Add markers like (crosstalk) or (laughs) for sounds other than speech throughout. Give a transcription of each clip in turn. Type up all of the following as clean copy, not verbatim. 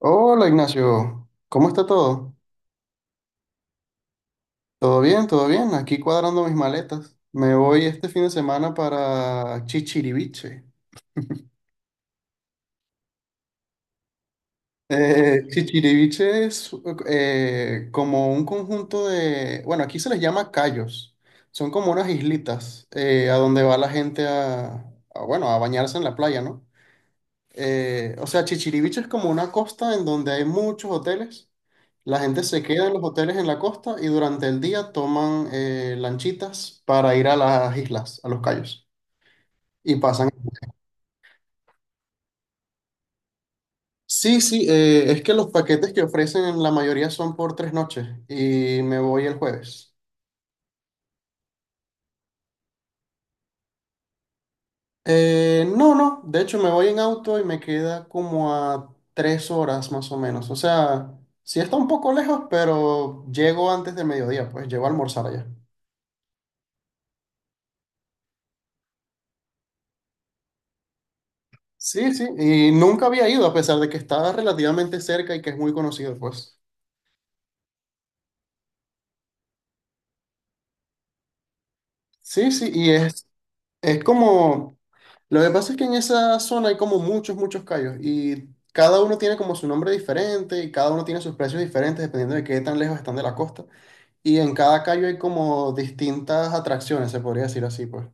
Hola Ignacio, ¿cómo está todo? ¿Todo bien? ¿Todo bien? Aquí cuadrando mis maletas. Me voy este fin de semana para Chichiriviche. Chichiriviche es como un conjunto de, bueno, aquí se les llama cayos. Son como unas islitas a donde va la gente a, bueno, a bañarse en la playa, ¿no? O sea, Chichiriviche es como una costa en donde hay muchos hoteles. La gente se queda en los hoteles en la costa y durante el día toman lanchitas para ir a las islas, a los cayos. Y pasan. Sí, sí, es que los paquetes que ofrecen en la mayoría son por 3 noches y me voy el jueves. No, no, de hecho me voy en auto y me queda como a 3 horas más o menos. O sea, sí está un poco lejos, pero llego antes del mediodía, pues llego a almorzar allá. Sí, sí, y nunca había ido a pesar de que estaba relativamente cerca y que es muy conocido, pues. Sí, sí, y es como, lo que pasa es que en esa zona hay como muchos, muchos callos y cada uno tiene como su nombre diferente y cada uno tiene sus precios diferentes dependiendo de qué tan lejos están de la costa. Y en cada callo hay como distintas atracciones, se podría decir así, pues.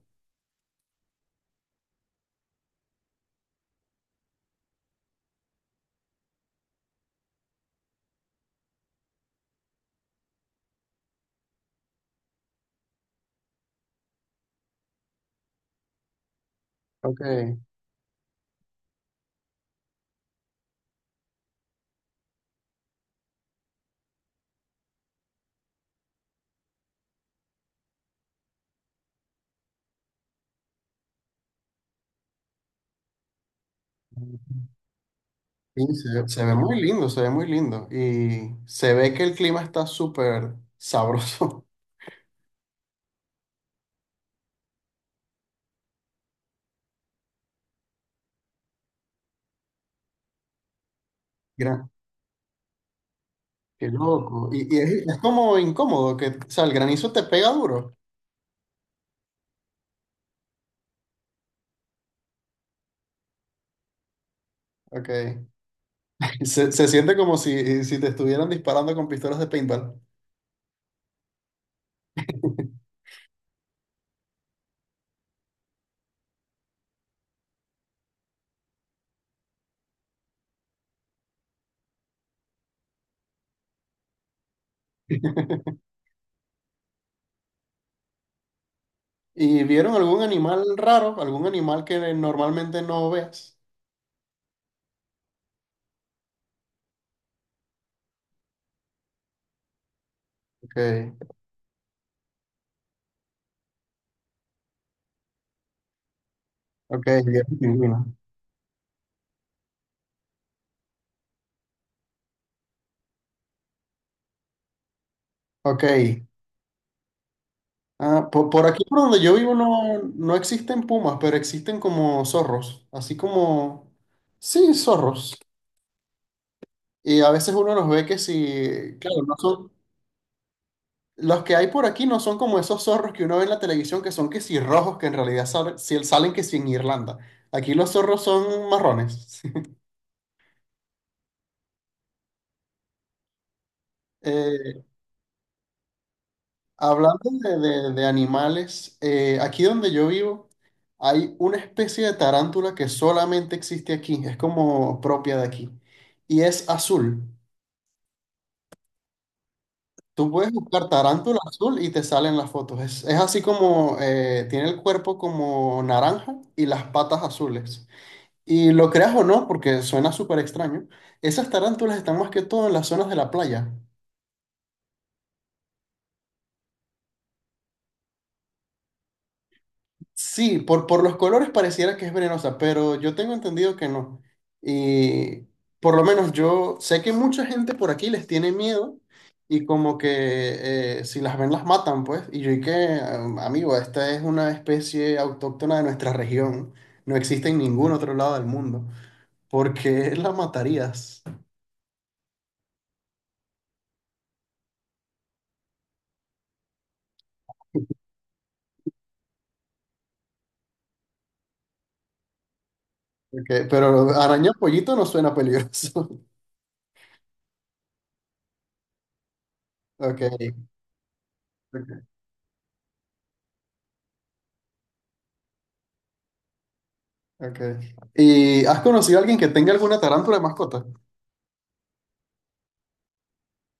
Ok. Sí, se ve muy lindo, se ve muy lindo. Y se ve que el clima está súper sabroso. (laughs) Qué loco. Y es como incómodo, que, o sea, el granizo te pega duro. Ok. (laughs) Se siente como si te estuvieran disparando con pistolas de paintball. (laughs) ¿Y vieron algún animal raro? ¿Algún animal que normalmente no veas? Ok, ok, bien te imagino. Ok. Ah, por, aquí por donde yo vivo no, no existen pumas, pero existen como zorros. Así como, sí, zorros. Y a veces uno los ve que si, claro, no son. Los que hay por aquí no son como esos zorros que uno ve en la televisión que son que si rojos, que en realidad salen que si en Irlanda. Aquí los zorros son marrones. (laughs) Eh, Hablando de, de animales, aquí donde yo vivo hay una especie de tarántula que solamente existe aquí, es como propia de aquí, y es azul. Tú puedes buscar tarántula azul y te salen las fotos. Es así como tiene el cuerpo como naranja y las patas azules. Y lo creas o no, porque suena súper extraño, esas tarántulas están más que todo en las zonas de la playa. Sí, por los colores pareciera que es venenosa, pero yo tengo entendido que no. Y por lo menos yo sé que mucha gente por aquí les tiene miedo y como que si las ven las matan, pues. Y yo y que, amigo, esta es una especie autóctona de nuestra región. No existe en ningún otro lado del mundo. ¿Por qué la matarías? Pero araña pollito no suena peligroso. Ok, ok, ok. ¿Y has conocido a alguien que tenga alguna tarántula de mascota?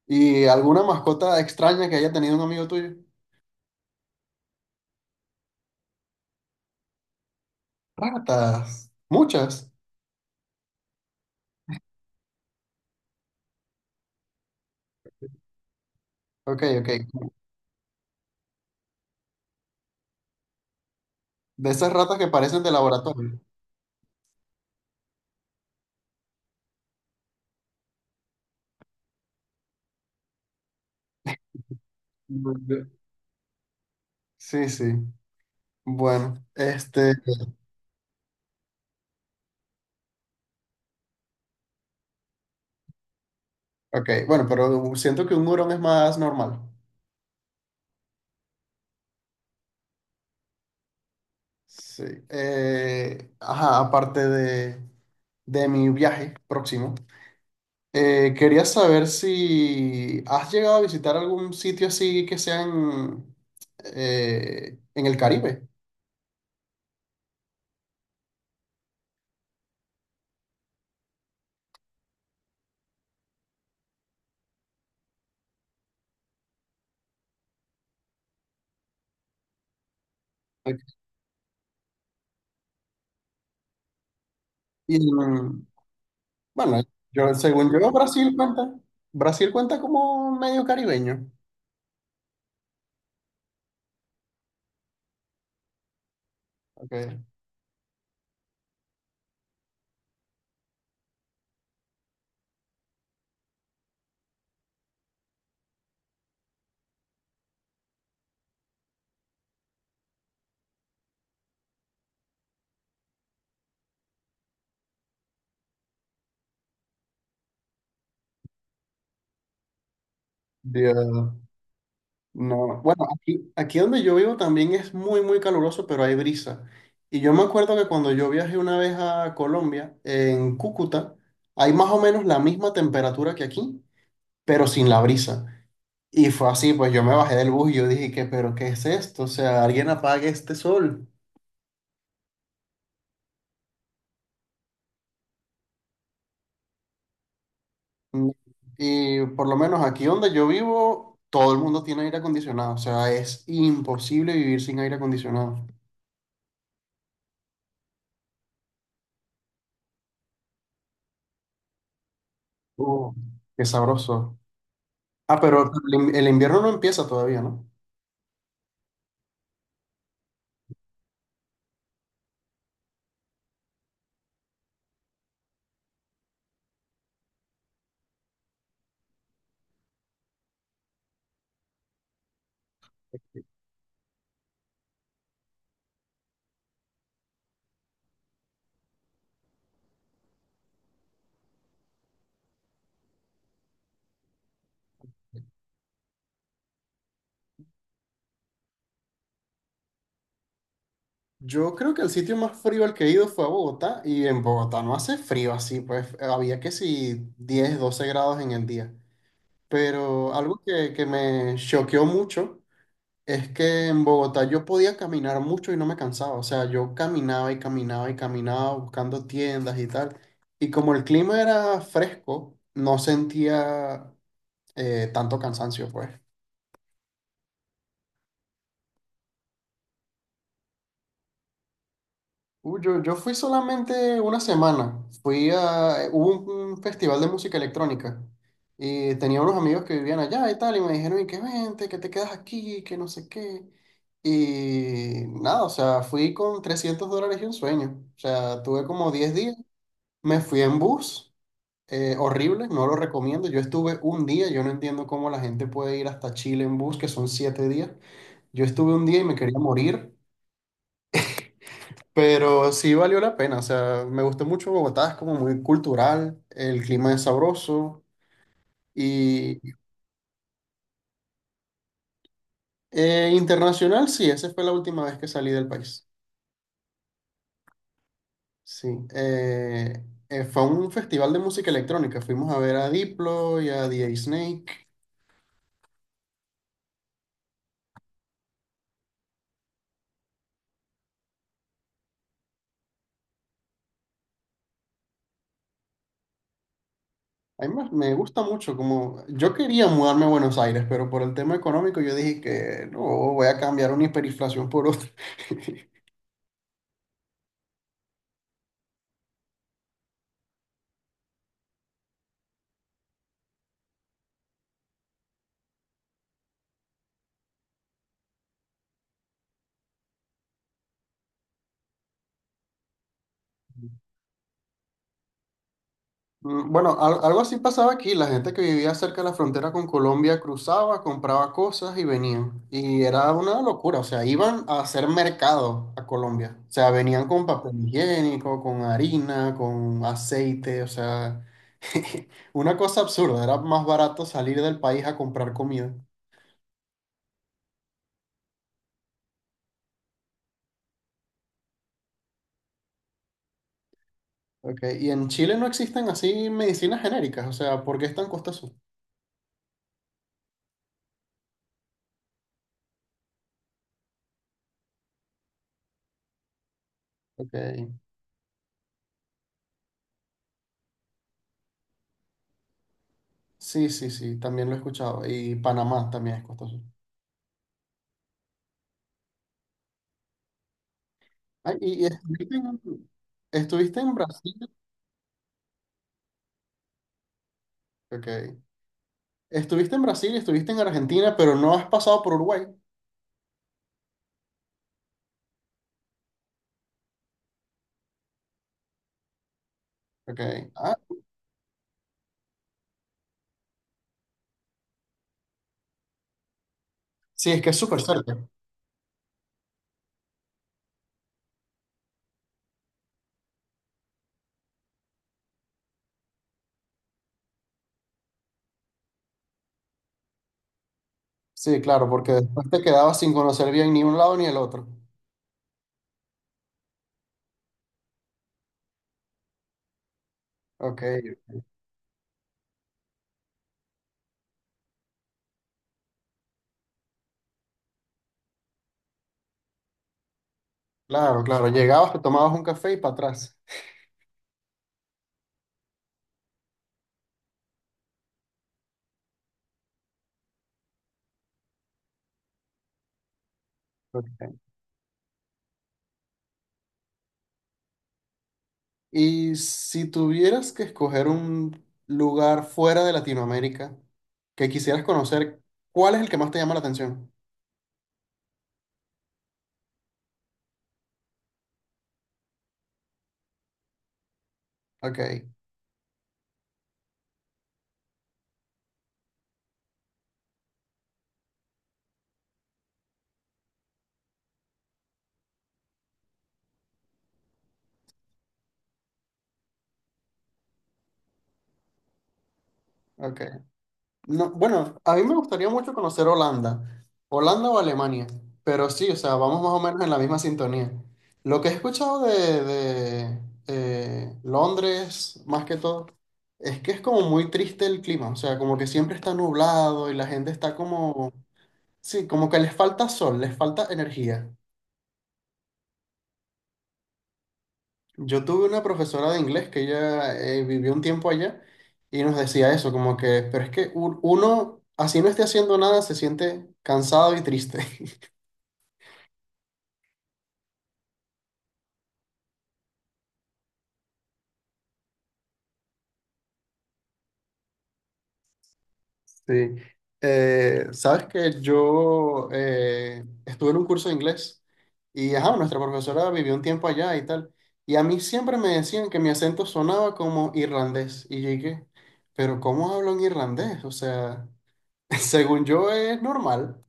¿Y alguna mascota extraña que haya tenido un amigo tuyo? Ratas, muchas. Ok, ok. De esas ratas que parecen de laboratorio. De- Sí, sí. Bueno, este, ok, bueno, pero siento que un hurón es más normal. Sí. Ajá, aparte de mi viaje próximo. Quería saber si has llegado a visitar algún sitio así que sea en el Caribe. Y en- bueno, yo, según yo, Brasil cuenta. Brasil cuenta como medio caribeño. Okay. Dios, no. Bueno, aquí donde yo vivo también es muy, muy caluroso, pero hay brisa. Y yo me acuerdo que cuando yo viajé una vez a Colombia, en Cúcuta, hay más o menos la misma temperatura que aquí, pero sin la brisa. Y fue así, pues yo me bajé del bus y yo dije que, pero ¿qué es esto? O sea, alguien apague este sol. Mm, Y por lo menos aquí donde yo vivo, todo el mundo tiene aire acondicionado. O sea, es imposible vivir sin aire acondicionado. Uh, Qué sabroso. Ah, pero el invierno no empieza todavía, ¿no? Yo creo que el sitio más frío al que he ido fue a Bogotá y en Bogotá no hace frío así, pues había que si 10 12 grados en el día. Pero algo que me choqueó mucho. Es que en Bogotá yo podía caminar mucho y no me cansaba. O sea, yo caminaba y caminaba y caminaba buscando tiendas y tal. Y como el clima era fresco, no sentía tanto cansancio, pues. Yo fui solamente una semana. Fui Hubo un festival de música electrónica. Y tenía unos amigos que vivían allá y tal. Y me dijeron, y que vente, que te quedas aquí, que no sé qué. Y nada, o sea, fui con $300 y un sueño. O sea, tuve como 10 días. Me fui en bus, horrible, no lo recomiendo. Yo estuve un día, yo no entiendo cómo la gente puede ir hasta Chile en bus, que son 7 días. Yo estuve un día y me quería morir, pero sí valió la pena. O sea, me gustó mucho Bogotá, es como muy cultural, el clima es sabroso y internacional, sí, esa fue la última vez que salí del país. Sí, eh, fue un festival de música electrónica. Fuimos a ver a Diplo y a The Snake. A mí me gusta mucho, como yo quería mudarme a Buenos Aires, pero por el tema económico yo dije que no, voy a cambiar una hiperinflación por otra. (laughs) Bueno, algo así pasaba aquí. La gente que vivía cerca de la frontera con Colombia cruzaba, compraba cosas y venían. Y era una locura. O sea, iban a hacer mercado a Colombia. O sea, venían con papel higiénico, con harina, con aceite. O sea, (laughs) una cosa absurda. Era más barato salir del país a comprar comida. Ok, y en Chile no existen así medicinas genéricas, o sea, ¿por qué es tan costoso? Ok, sí, sí, sí, también lo he escuchado. Y Panamá también es costoso. Ay, y estuviste en Brasil, ok. Estuviste en Brasil y estuviste en Argentina, pero no has pasado por Uruguay, ok. Ah, sí, es que es súper cerca. Sí, claro, porque después te quedabas sin conocer bien ni un lado ni el otro. Ok, claro, claro, llegabas, te tomabas un café y para atrás. Ok. Y si tuvieras que escoger un lugar fuera de Latinoamérica que quisieras conocer, ¿cuál es el que más te llama la atención? Ok, ok. No, bueno, a mí me gustaría mucho conocer Holanda, Holanda o Alemania, pero sí, o sea, vamos más o menos en la misma sintonía. Lo que he escuchado de, Londres, más que todo, es que es como muy triste el clima, o sea, como que siempre está nublado y la gente está como, sí, como que les falta sol, les falta energía. Yo tuve una profesora de inglés que ella vivió un tiempo allá y nos decía eso, como que, pero es que uno, así no esté haciendo nada, se siente cansado y triste. (laughs) Sí. Sabes que yo estuve en un curso de inglés y ajá, nuestra profesora vivió un tiempo allá y tal. Y a mí siempre me decían que mi acento sonaba como irlandés. Y yo, pero ¿cómo hablo en irlandés? O sea, (laughs) según yo es normal.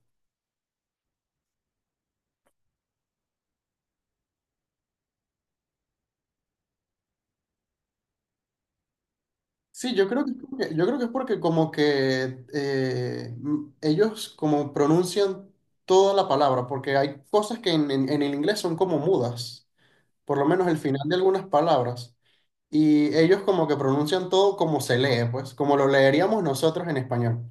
Sí, yo creo que es porque como que ellos como pronuncian toda la palabra, porque hay cosas que en el inglés son como mudas, por lo menos el final de algunas palabras, y ellos como que pronuncian todo como se lee, pues, como lo leeríamos nosotros en español.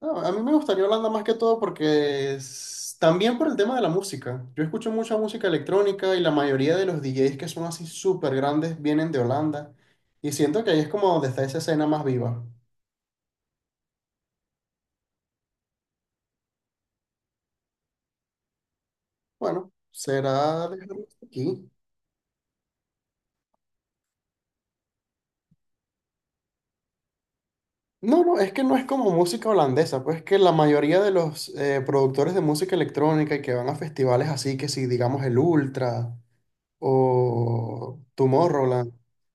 No, a mí me gustaría Holanda más que todo porque también por el tema de la música. Yo escucho mucha música electrónica y la mayoría de los DJs que son así súper grandes vienen de Holanda. Y siento que ahí es como donde está esa escena más viva. Bueno, será dejarlo hasta aquí. No, no, es que no es como música holandesa, pues que la mayoría de los productores de música electrónica y que van a festivales así, que si digamos el Ultra o Tomorrowland,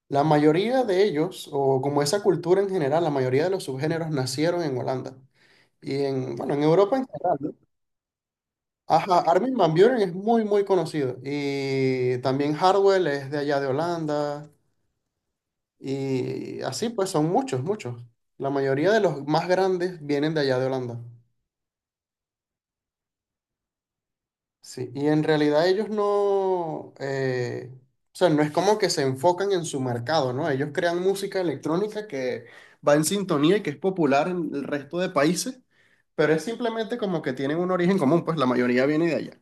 la mayoría de ellos, o como esa cultura en general, la mayoría de los subgéneros nacieron en Holanda y bueno, en Europa en general, ¿no? Ajá, Armin van Buuren es muy, muy conocido y también Hardwell es de allá de Holanda y así pues son muchos, muchos. La mayoría de los más grandes vienen de allá de Holanda. Sí, y en realidad ellos no, o sea, no es como que se enfocan en su mercado, ¿no? Ellos crean música electrónica que va en sintonía y que es popular en el resto de países, pero es simplemente como que tienen un origen común, pues la mayoría viene de allá.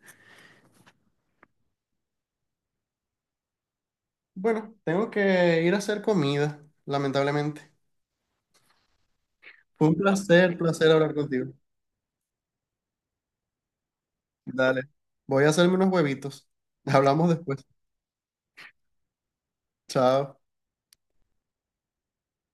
Bueno, tengo que ir a hacer comida, lamentablemente. Fue un placer, placer hablar contigo. Dale, voy a hacerme unos huevitos. (laughs) Hablamos después. Chao.